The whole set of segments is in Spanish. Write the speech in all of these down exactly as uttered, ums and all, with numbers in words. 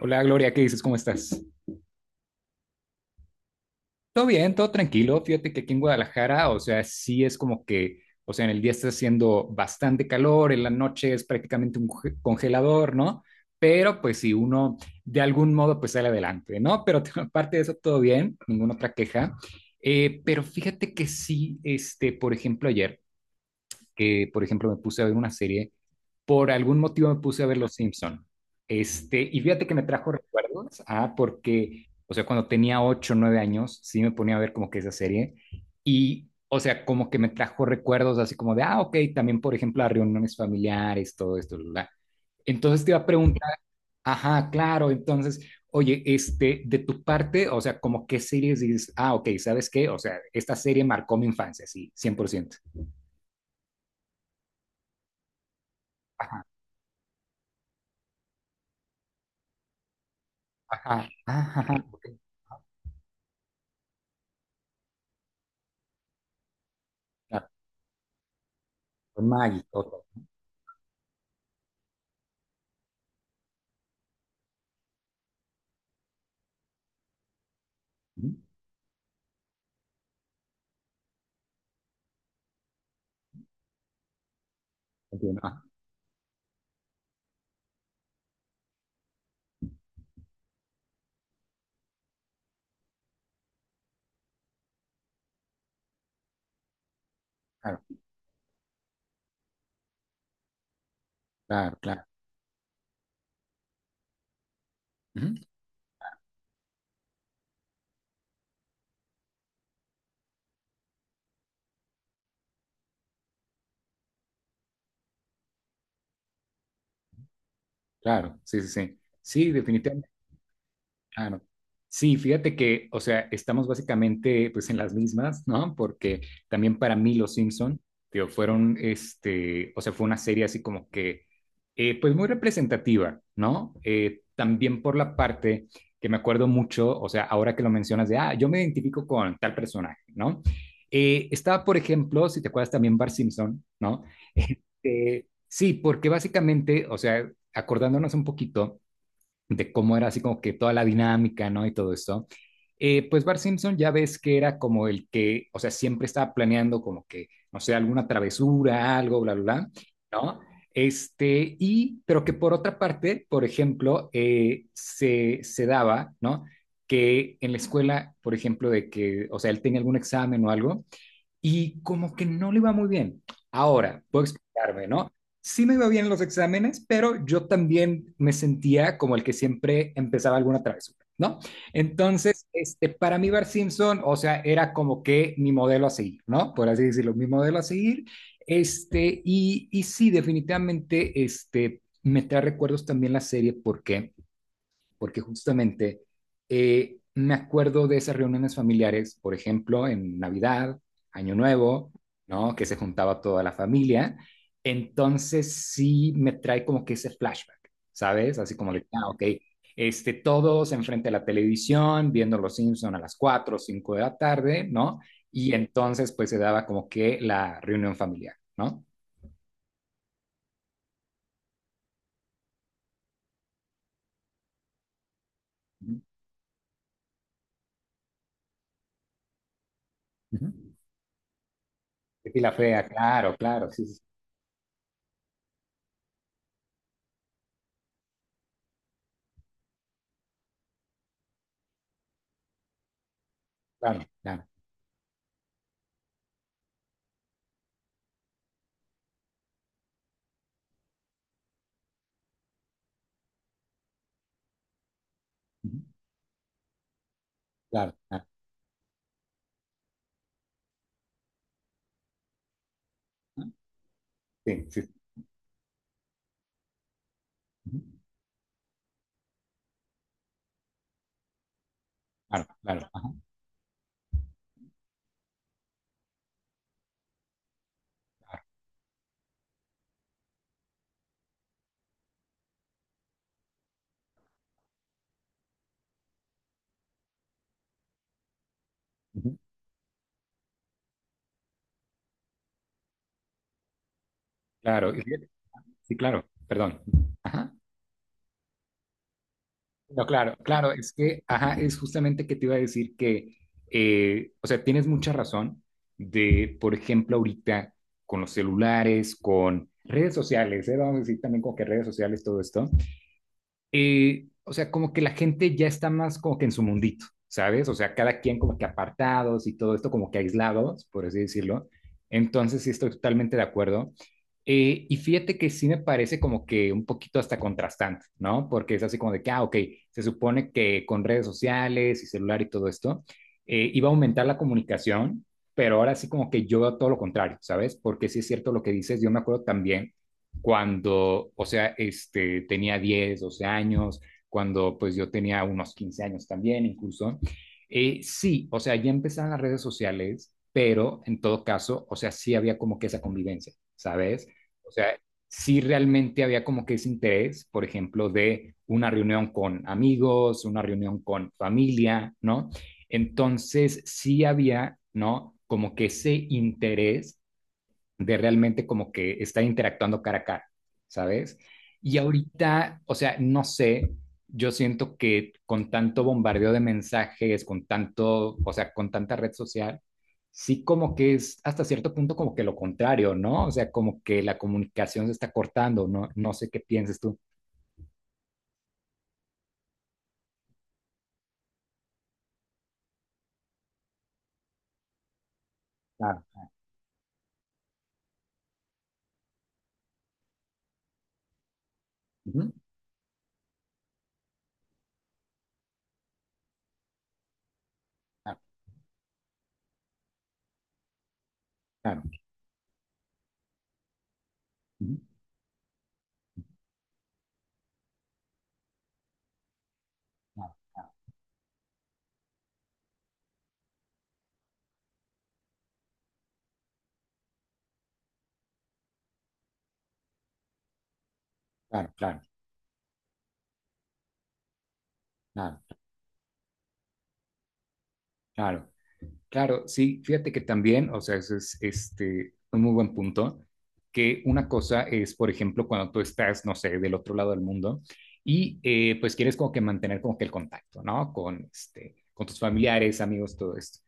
Hola Gloria, ¿qué dices? ¿Cómo estás? Todo bien, todo tranquilo. Fíjate que aquí en Guadalajara, o sea, sí es como que, o sea, en el día está haciendo bastante calor, en la noche es prácticamente un conge- congelador, ¿no? Pero pues si uno de algún modo pues sale adelante, ¿no? Pero aparte de eso, todo bien, ninguna otra queja. Eh, pero fíjate que sí, este, por ejemplo, ayer, que por ejemplo me puse a ver una serie por algún motivo me puse a ver Los Simpson. Este, y fíjate que me trajo recuerdos, ah, porque, o sea, cuando tenía ocho nueve años, sí me ponía a ver como que esa serie. Y, o sea, como que me trajo recuerdos así como de, ah, ok, también, por ejemplo, a reuniones familiares, todo esto, bla, bla. Entonces te iba a preguntar, ajá, claro, entonces, oye, este, de tu parte, o sea, como qué series dices, ah, ok, ¿sabes qué? O sea, esta serie marcó mi infancia, sí, cien por ciento. Ajá, ajá, ajá, ajá, ok, claro, con Maggie, ok, ujú, entiendo. Ah, claro, claro, claro. Ujú, claro, sí, sí, sí. Sí, definitivamente. Claro. Sí, fíjate que, o sea, estamos básicamente pues en las mismas, ¿no? Porque también para mí Los Simpson, digo, fueron, este, o sea, fue una serie así como que, eh, pues muy representativa, ¿no? Eh, también por la parte que me acuerdo mucho, o sea, ahora que lo mencionas de, ah, yo me identifico con tal personaje, ¿no? Eh, estaba, por ejemplo, si te acuerdas también Bart Simpson, ¿no? Este, sí, porque básicamente, o sea, acordándonos un poquito de cómo era así como que toda la dinámica, ¿no? Y todo esto. Eh, pues Bart Simpson ya ves que era como el que, o sea, siempre estaba planeando como que, no sé, alguna travesura, algo, bla, bla, bla, ¿no? Este, y, pero que por otra parte, por ejemplo, eh, se, se daba, ¿no? Que en la escuela, por ejemplo, de que, o sea, él tenía algún examen o algo, y como que no le iba muy bien. Ahora, puedo explicarme, ¿no? Sí me iba bien los exámenes, pero yo también me sentía como el que siempre empezaba alguna travesura, ¿no? Entonces, este, para mí Bart Simpson, o sea, era como que mi modelo a seguir, ¿no? Por así decirlo, mi modelo a seguir. Este, y, y sí, definitivamente, este, me trae recuerdos también la serie porque porque justamente eh, me acuerdo de esas reuniones familiares, por ejemplo, en Navidad, Año Nuevo, ¿no? Que se juntaba toda la familia. Entonces sí me trae como que ese flashback, ¿sabes? Así como de, ah, ok, este, todos enfrente de la televisión, viendo Los Simpson a las cuatro o cinco de la tarde, ¿no? Y entonces pues se daba como que la reunión familiar, ¿no? Ujú. Ujú. Y la fea, claro, claro, sí, sí, sí, claro, claro, ujú, claro, claro. Sí, sí. Sí. Ujú. Claro, claro. Ajá, claro. Ujú. Claro, y fíjate- sí, claro, perdón. Ajá. No, claro, claro, es que, ajá, es justamente que te iba a decir que, eh, o sea, tienes mucha razón de, por ejemplo, ahorita con los celulares, con redes sociales, ¿eh? Vamos a decir también con que redes sociales, todo esto, eh, o sea, como que la gente ya está más como que en su mundito, ¿sabes? O sea, cada quien como que apartados y todo esto como que aislados, por así decirlo. Entonces, sí, estoy totalmente de acuerdo. Eh, y fíjate que sí me parece como que un poquito hasta contrastante, ¿no? Porque es así como de que, ah, ok, se supone que con redes sociales y celular y todo esto eh, iba a aumentar la comunicación, pero ahora sí como que yo veo todo lo contrario, ¿sabes? Porque sí es cierto lo que dices, yo me acuerdo también cuando, o sea, este, tenía diez, doce años, cuando pues yo tenía unos quince años también incluso. Eh, sí, o sea, ya empezaban las redes sociales, pero en todo caso, o sea, sí había como que esa convivencia, ¿sabes? O sea, sí realmente había como que ese interés, por ejemplo, de una reunión con amigos, una reunión con familia, ¿no? Entonces, sí había, ¿no? Como que ese interés de realmente como que estar interactuando cara a cara, ¿sabes? Y ahorita, o sea, no sé, yo siento que con tanto bombardeo de mensajes, con tanto, o sea, con tanta red social, sí como que es hasta cierto punto como que lo contrario, ¿no? O sea, como que la comunicación se está cortando, ¿no? No sé qué pienses tú. Claro, ujú, claro, claro, ujú, claro, claro, claro, claro, claro, claro. Claro, sí, fíjate que también, o sea, eso es este, un muy buen punto, que una cosa es, por ejemplo, cuando tú estás, no sé, del otro lado del mundo y eh, pues quieres como que mantener como que el contacto, ¿no? Con, este, con tus familiares, amigos, todo esto.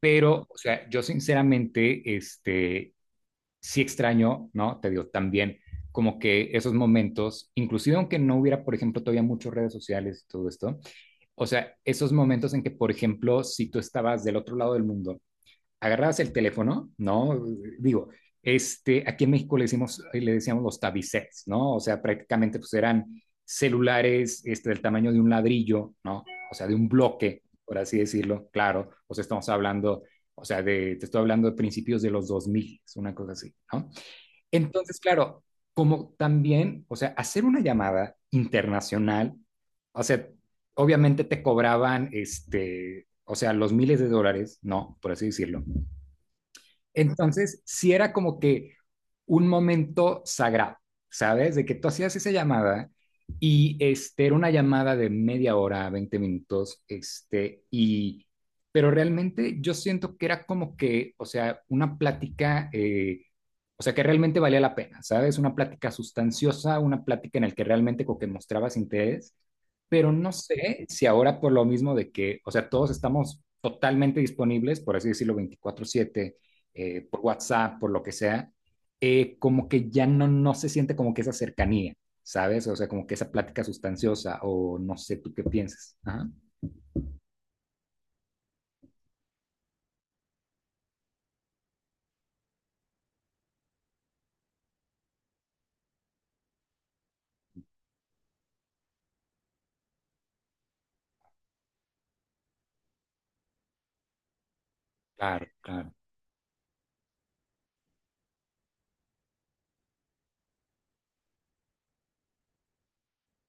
Pero, o sea, yo sinceramente, este, sí extraño, ¿no? Te digo, también como que esos momentos, inclusive aunque no hubiera, por ejemplo, todavía muchas redes sociales y todo esto, o sea, esos momentos en que, por ejemplo, si tú estabas del otro lado del mundo, agarrabas el teléfono, ¿no? Digo, este, aquí en México le, decimos, eh, le decíamos los tabicets, ¿no? O sea, prácticamente pues eran celulares este, del tamaño de un ladrillo, ¿no? O sea, de un bloque, por así decirlo, claro. O sea, estamos hablando, o sea, de, te estoy hablando de principios de los dos mil, es una cosa así, ¿no? Entonces, claro, como también, o sea, hacer una llamada internacional, o sea, obviamente te cobraban, este, o sea, los miles de dólares, ¿no? Por así decirlo. Entonces, sí era como que un momento sagrado, ¿sabes? De que tú hacías esa llamada y este, era una llamada de media hora, veinte minutos, este, y, pero realmente yo siento que era como que, o sea, una plática, eh, o sea, que realmente valía la pena, ¿sabes? Una plática sustanciosa, una plática en la que realmente como que mostrabas interés, pero no sé si ahora por lo mismo de que, o sea, todos estamos totalmente disponibles, por así decirlo, veinticuatro siete eh, por WhatsApp, por lo que sea, eh, como que ya no, no se siente como que esa cercanía, ¿sabes? O sea, como que esa plática sustanciosa o no sé tú qué piensas. Ajá. Claro, claro.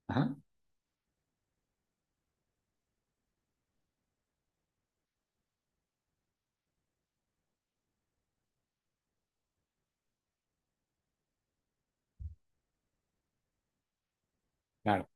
Ajá. Claro,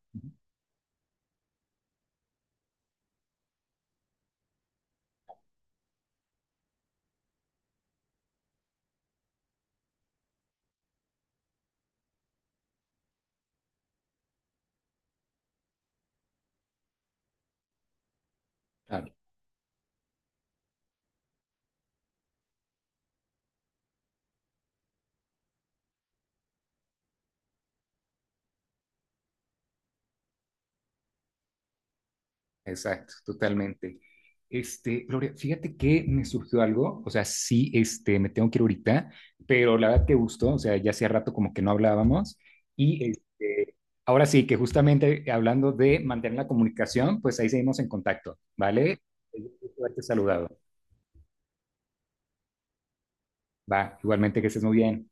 claro. Exacto, totalmente. Este, Gloria, fíjate que me surgió algo, o sea, sí, este, me tengo que ir ahorita, pero la verdad que gustó, o sea, ya hacía rato como que no hablábamos y este, ahora sí, que justamente hablando de mantener la comunicación, pues ahí seguimos en contacto, ¿vale? Es un gusto haberte saludado. Va, igualmente que estés muy bien.